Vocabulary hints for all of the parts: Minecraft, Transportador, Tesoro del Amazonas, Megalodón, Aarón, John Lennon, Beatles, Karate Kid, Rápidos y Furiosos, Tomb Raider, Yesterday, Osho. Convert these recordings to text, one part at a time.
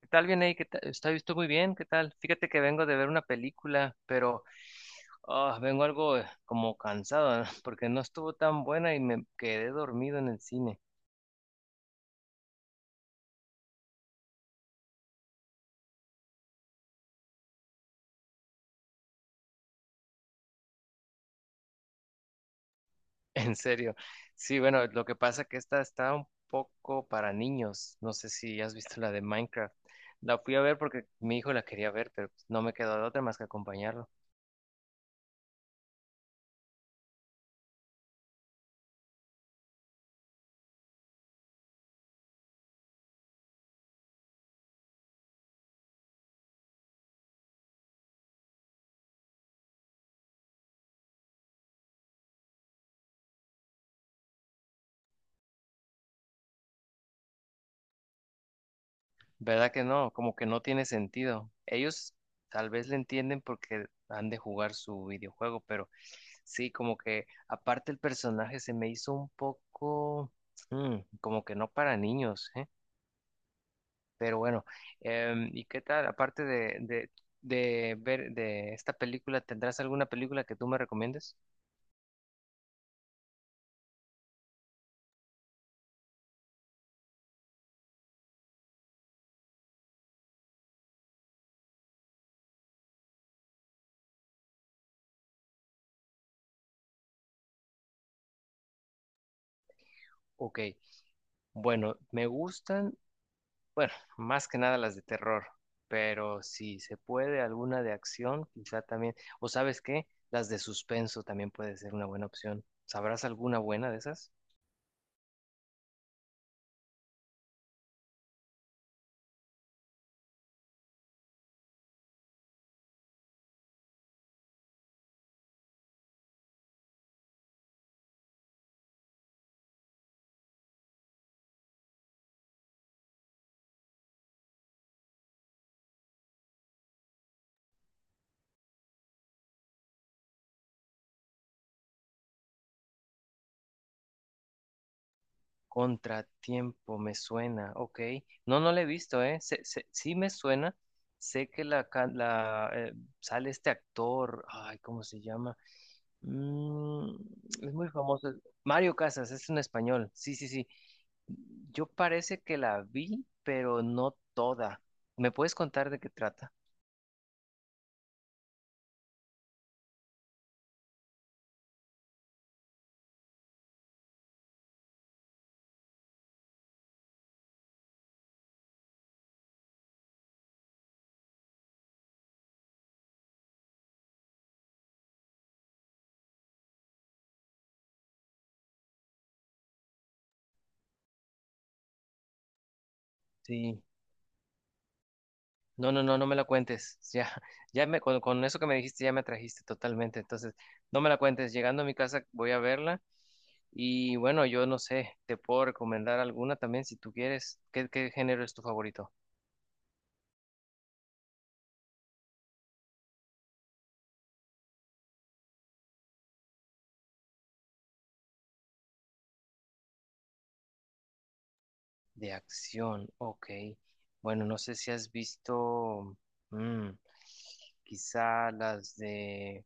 ¿Qué tal, bien ahí? ¿Qué tal? Está visto muy bien, ¿qué tal? Fíjate que vengo de ver una película, pero vengo algo como cansado, ¿no? porque no estuvo tan buena y me quedé dormido en el cine. En serio. Sí, bueno, lo que pasa que esta está un poco para niños. No sé si has visto la de Minecraft. La fui a ver porque mi hijo la quería ver, pero pues, no me quedó de otra más que acompañarlo. ¿Verdad que no? Como que no tiene sentido. Ellos tal vez le entienden porque han de jugar su videojuego, pero sí, como que aparte el personaje se me hizo un poco como que no para niños, ¿eh? Pero bueno, ¿y qué tal? Aparte de ver de esta película, ¿tendrás alguna película que tú me recomiendes? Ok, bueno, me gustan. Bueno, más que nada las de terror, pero si se puede alguna de acción, quizá también, o sabes qué, las de suspenso también puede ser una buena opción. ¿Sabrás alguna buena de esas? Contratiempo, me suena, ok. No, no la he visto, ¿eh? Sí me suena. Sé que la sale este actor, ay, ¿cómo se llama? Mm, es muy famoso. Mario Casas, es un español. Sí, sí, sí. Yo parece que la vi, pero no toda. ¿Me puedes contar de qué trata? Sí. No, no, no, no me la cuentes. Ya, con eso que me dijiste, ya me atrajiste totalmente. Entonces, no me la cuentes. Llegando a mi casa, voy a verla. Y bueno, yo no sé, te puedo recomendar alguna también si tú quieres. ¿Qué, qué género es tu favorito? De acción, ok. Bueno, no sé si has visto, mm, quizá las de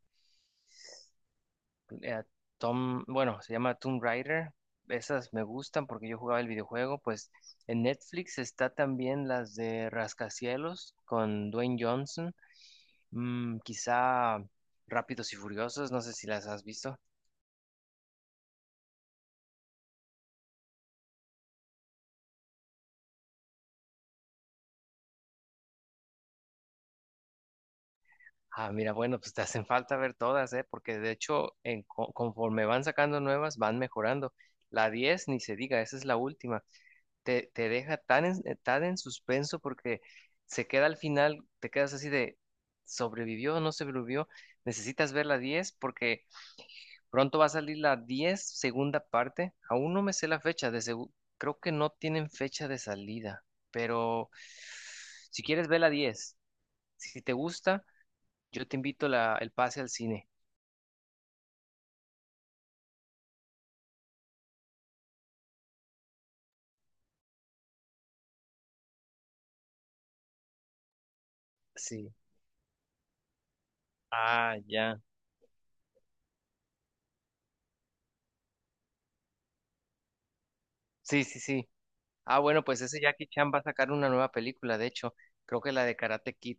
eh, Tom, bueno, se llama Tomb Raider. Esas me gustan porque yo jugaba el videojuego. Pues en Netflix está también las de Rascacielos con Dwayne Johnson. Quizá Rápidos y Furiosos, no sé si las has visto. Ah, mira, bueno, pues te hacen falta ver todas, ¿eh? Porque de hecho, conforme van sacando nuevas, van mejorando. la 10, ni se diga, esa es la última. Te deja tan tan en suspenso porque se queda al final, te quedas así de, ¿sobrevivió o no sobrevivió? Necesitas ver la 10 porque pronto va a salir la 10 segunda parte. Aún no me sé la fecha, creo que no tienen fecha de salida, pero si quieres ver la 10, si te gusta. Yo te invito la, el pase al cine. Sí. Ah, ya. Sí, sí, sí. Ah, bueno, pues ese Jackie Chan va a sacar una nueva película, de hecho, creo que la de Karate Kid,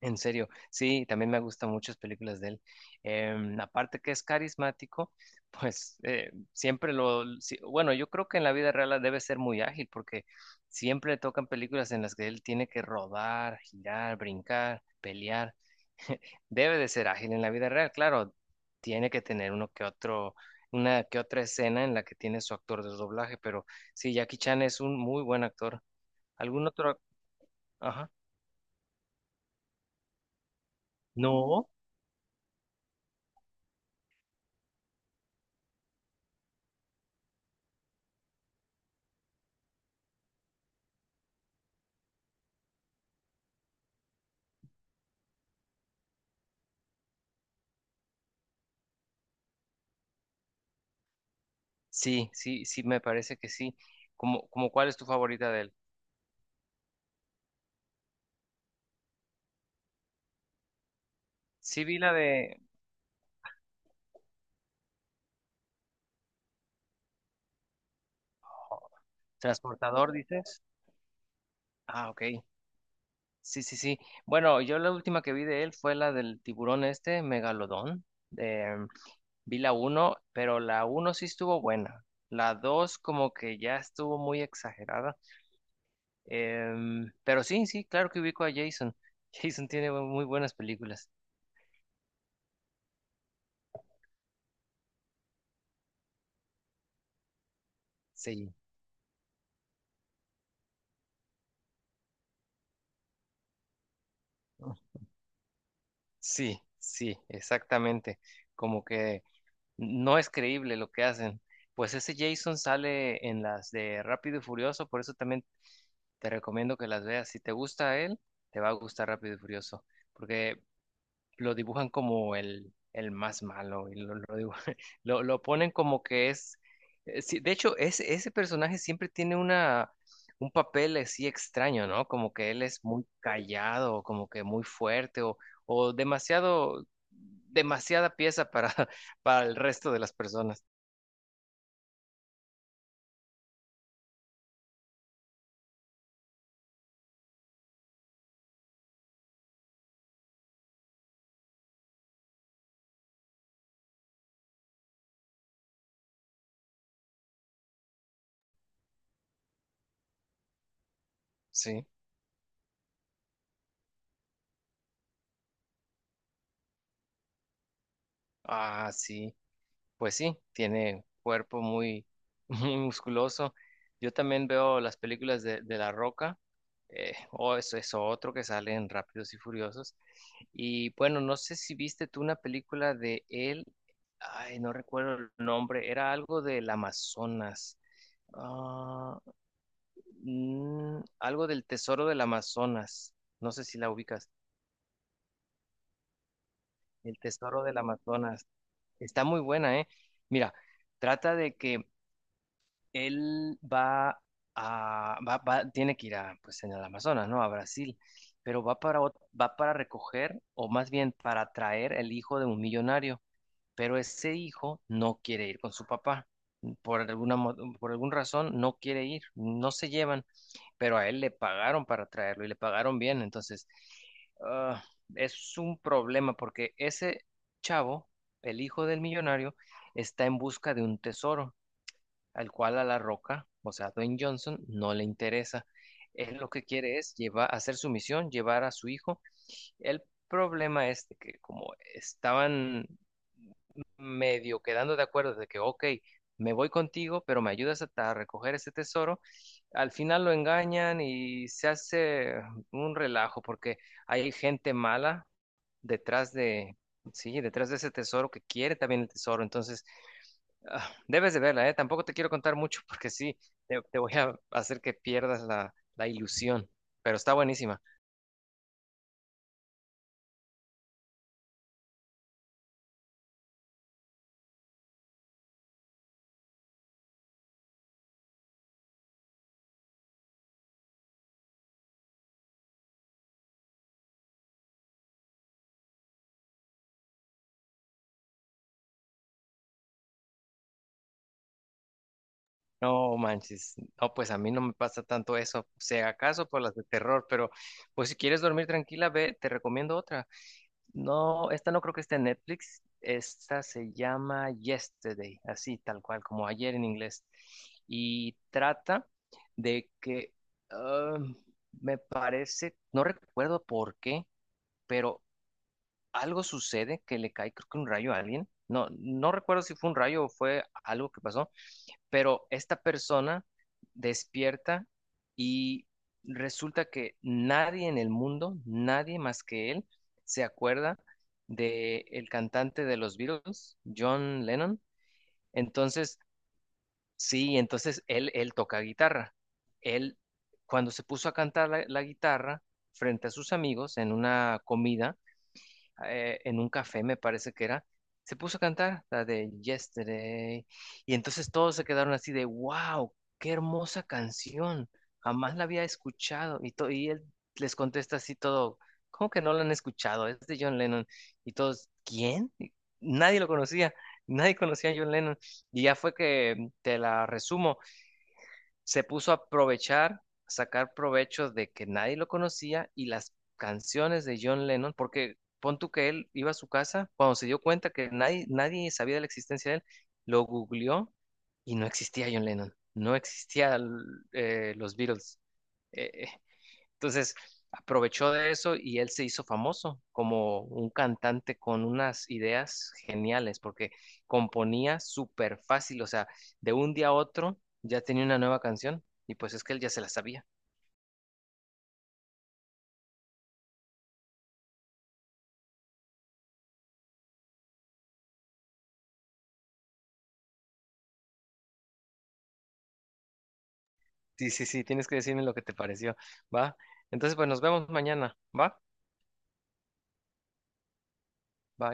en serio. Sí, también me gustan muchas películas de él. Aparte que es carismático, pues siempre lo... sí, bueno, yo creo que en la vida real debe ser muy ágil porque siempre le tocan películas en las que él tiene que rodar, girar, brincar, pelear. Debe de ser ágil en la vida real, claro. Tiene que tener uno que otro, una que otra escena en la que tiene su actor de doblaje, pero sí, Jackie Chan es un muy buen actor. ¿Algún otro? Ajá. No. Sí, sí, sí, me parece que sí. ¿Como, como cuál es tu favorita de él? Sí, vi la de. Transportador, dices. Ah, ok. Sí, sí, sí. Bueno, yo la última que vi de él fue la del tiburón este, Megalodón. Vi la uno pero la uno sí estuvo buena. La 2 como que ya estuvo muy exagerada. Pero sí, sí, claro que ubico a Jason. Jason tiene muy buenas películas. Sí, sí, sí, exactamente. Como que no es creíble lo que hacen. Pues ese Jason sale en las de Rápido y Furioso, por eso también te recomiendo que las veas. Si te gusta él, te va a gustar Rápido y Furioso. Porque lo dibujan como el más malo y lo ponen como que es, sí, de hecho, ese personaje siempre tiene una, un papel así extraño, ¿no? Como que él es muy callado, como que muy fuerte o demasiado, demasiada pieza para, para el resto de las personas. Sí. Ah, sí. Pues sí, tiene cuerpo muy, muy musculoso. Yo también veo las películas de La Roca, o eso es otro que sale en Rápidos y Furiosos. Y bueno, no sé si viste tú una película de él, ay, no recuerdo el nombre, era algo del Amazonas, Ah, algo del Tesoro del Amazonas, no sé si la ubicas, el Tesoro del Amazonas, está muy buena, ¿eh? Mira, trata de que él va a, tiene que ir a, pues en el Amazonas, ¿no? A Brasil, pero va para, va para recoger, o más bien para traer el hijo de un millonario, pero ese hijo no quiere ir con su papá. Por alguna, mo- por alguna razón no quiere ir, no se llevan, pero a él le pagaron para traerlo y le pagaron bien, entonces ah, es un problema porque ese chavo, el hijo del millonario, está en busca de un tesoro al cual a La Roca, o sea, Dwayne Johnson, no le interesa. Él lo que quiere es llevar, hacer su misión, llevar a su hijo. El problema es de que como estaban medio quedando de acuerdo de que, ok, me voy contigo, pero me ayudas a recoger ese tesoro, al final lo engañan y se hace un relajo porque hay gente mala detrás de, sí, detrás de ese tesoro que quiere también el tesoro. Entonces, Ah, debes de verla, ¿eh? Tampoco te quiero contar mucho porque sí, te voy a hacer que pierdas la, la ilusión, pero está buenísima. No manches, no, pues a mí no me pasa tanto eso, o sea, acaso por las de terror, pero pues si quieres dormir tranquila, ve, te recomiendo otra. No, esta no creo que esté en Netflix, esta se llama Yesterday, así tal cual, como ayer en inglés, y trata de que, ah, me parece, no recuerdo por qué, pero algo sucede que le cae, creo que un rayo a alguien. No, no recuerdo si fue un rayo o fue algo que pasó, pero esta persona despierta y resulta que nadie en el mundo, nadie más que él, se acuerda de el cantante de los Beatles, John Lennon. Entonces, sí, entonces él toca guitarra. Él, cuando se puso a cantar la guitarra frente a sus amigos en una comida, en un café, me parece que era, se puso a cantar la de Yesterday. Y entonces todos se quedaron así de, wow, qué hermosa canción. Jamás la había escuchado. Y él les contesta así todo, ¿cómo que no la han escuchado? Es de John Lennon. Y todos, ¿quién? Y nadie lo conocía. Nadie conocía a John Lennon. Y ya fue que te la resumo, se puso a aprovechar, a sacar provecho de que nadie lo conocía y las canciones de John Lennon, porque pon tú que él iba a su casa, cuando se dio cuenta que nadie, nadie sabía de la existencia de él, lo googleó y no existía John Lennon, no existía los Beatles. Eh, eh, entonces, aprovechó de eso y él se hizo famoso como un cantante con unas ideas geniales, porque componía súper fácil, o sea, de un día a otro ya tenía una nueva canción y pues es que él ya se la sabía. Sí, sí, sí, tienes que decirme lo que te pareció, ¿va? Entonces, pues nos vemos mañana, ¿va? Bye.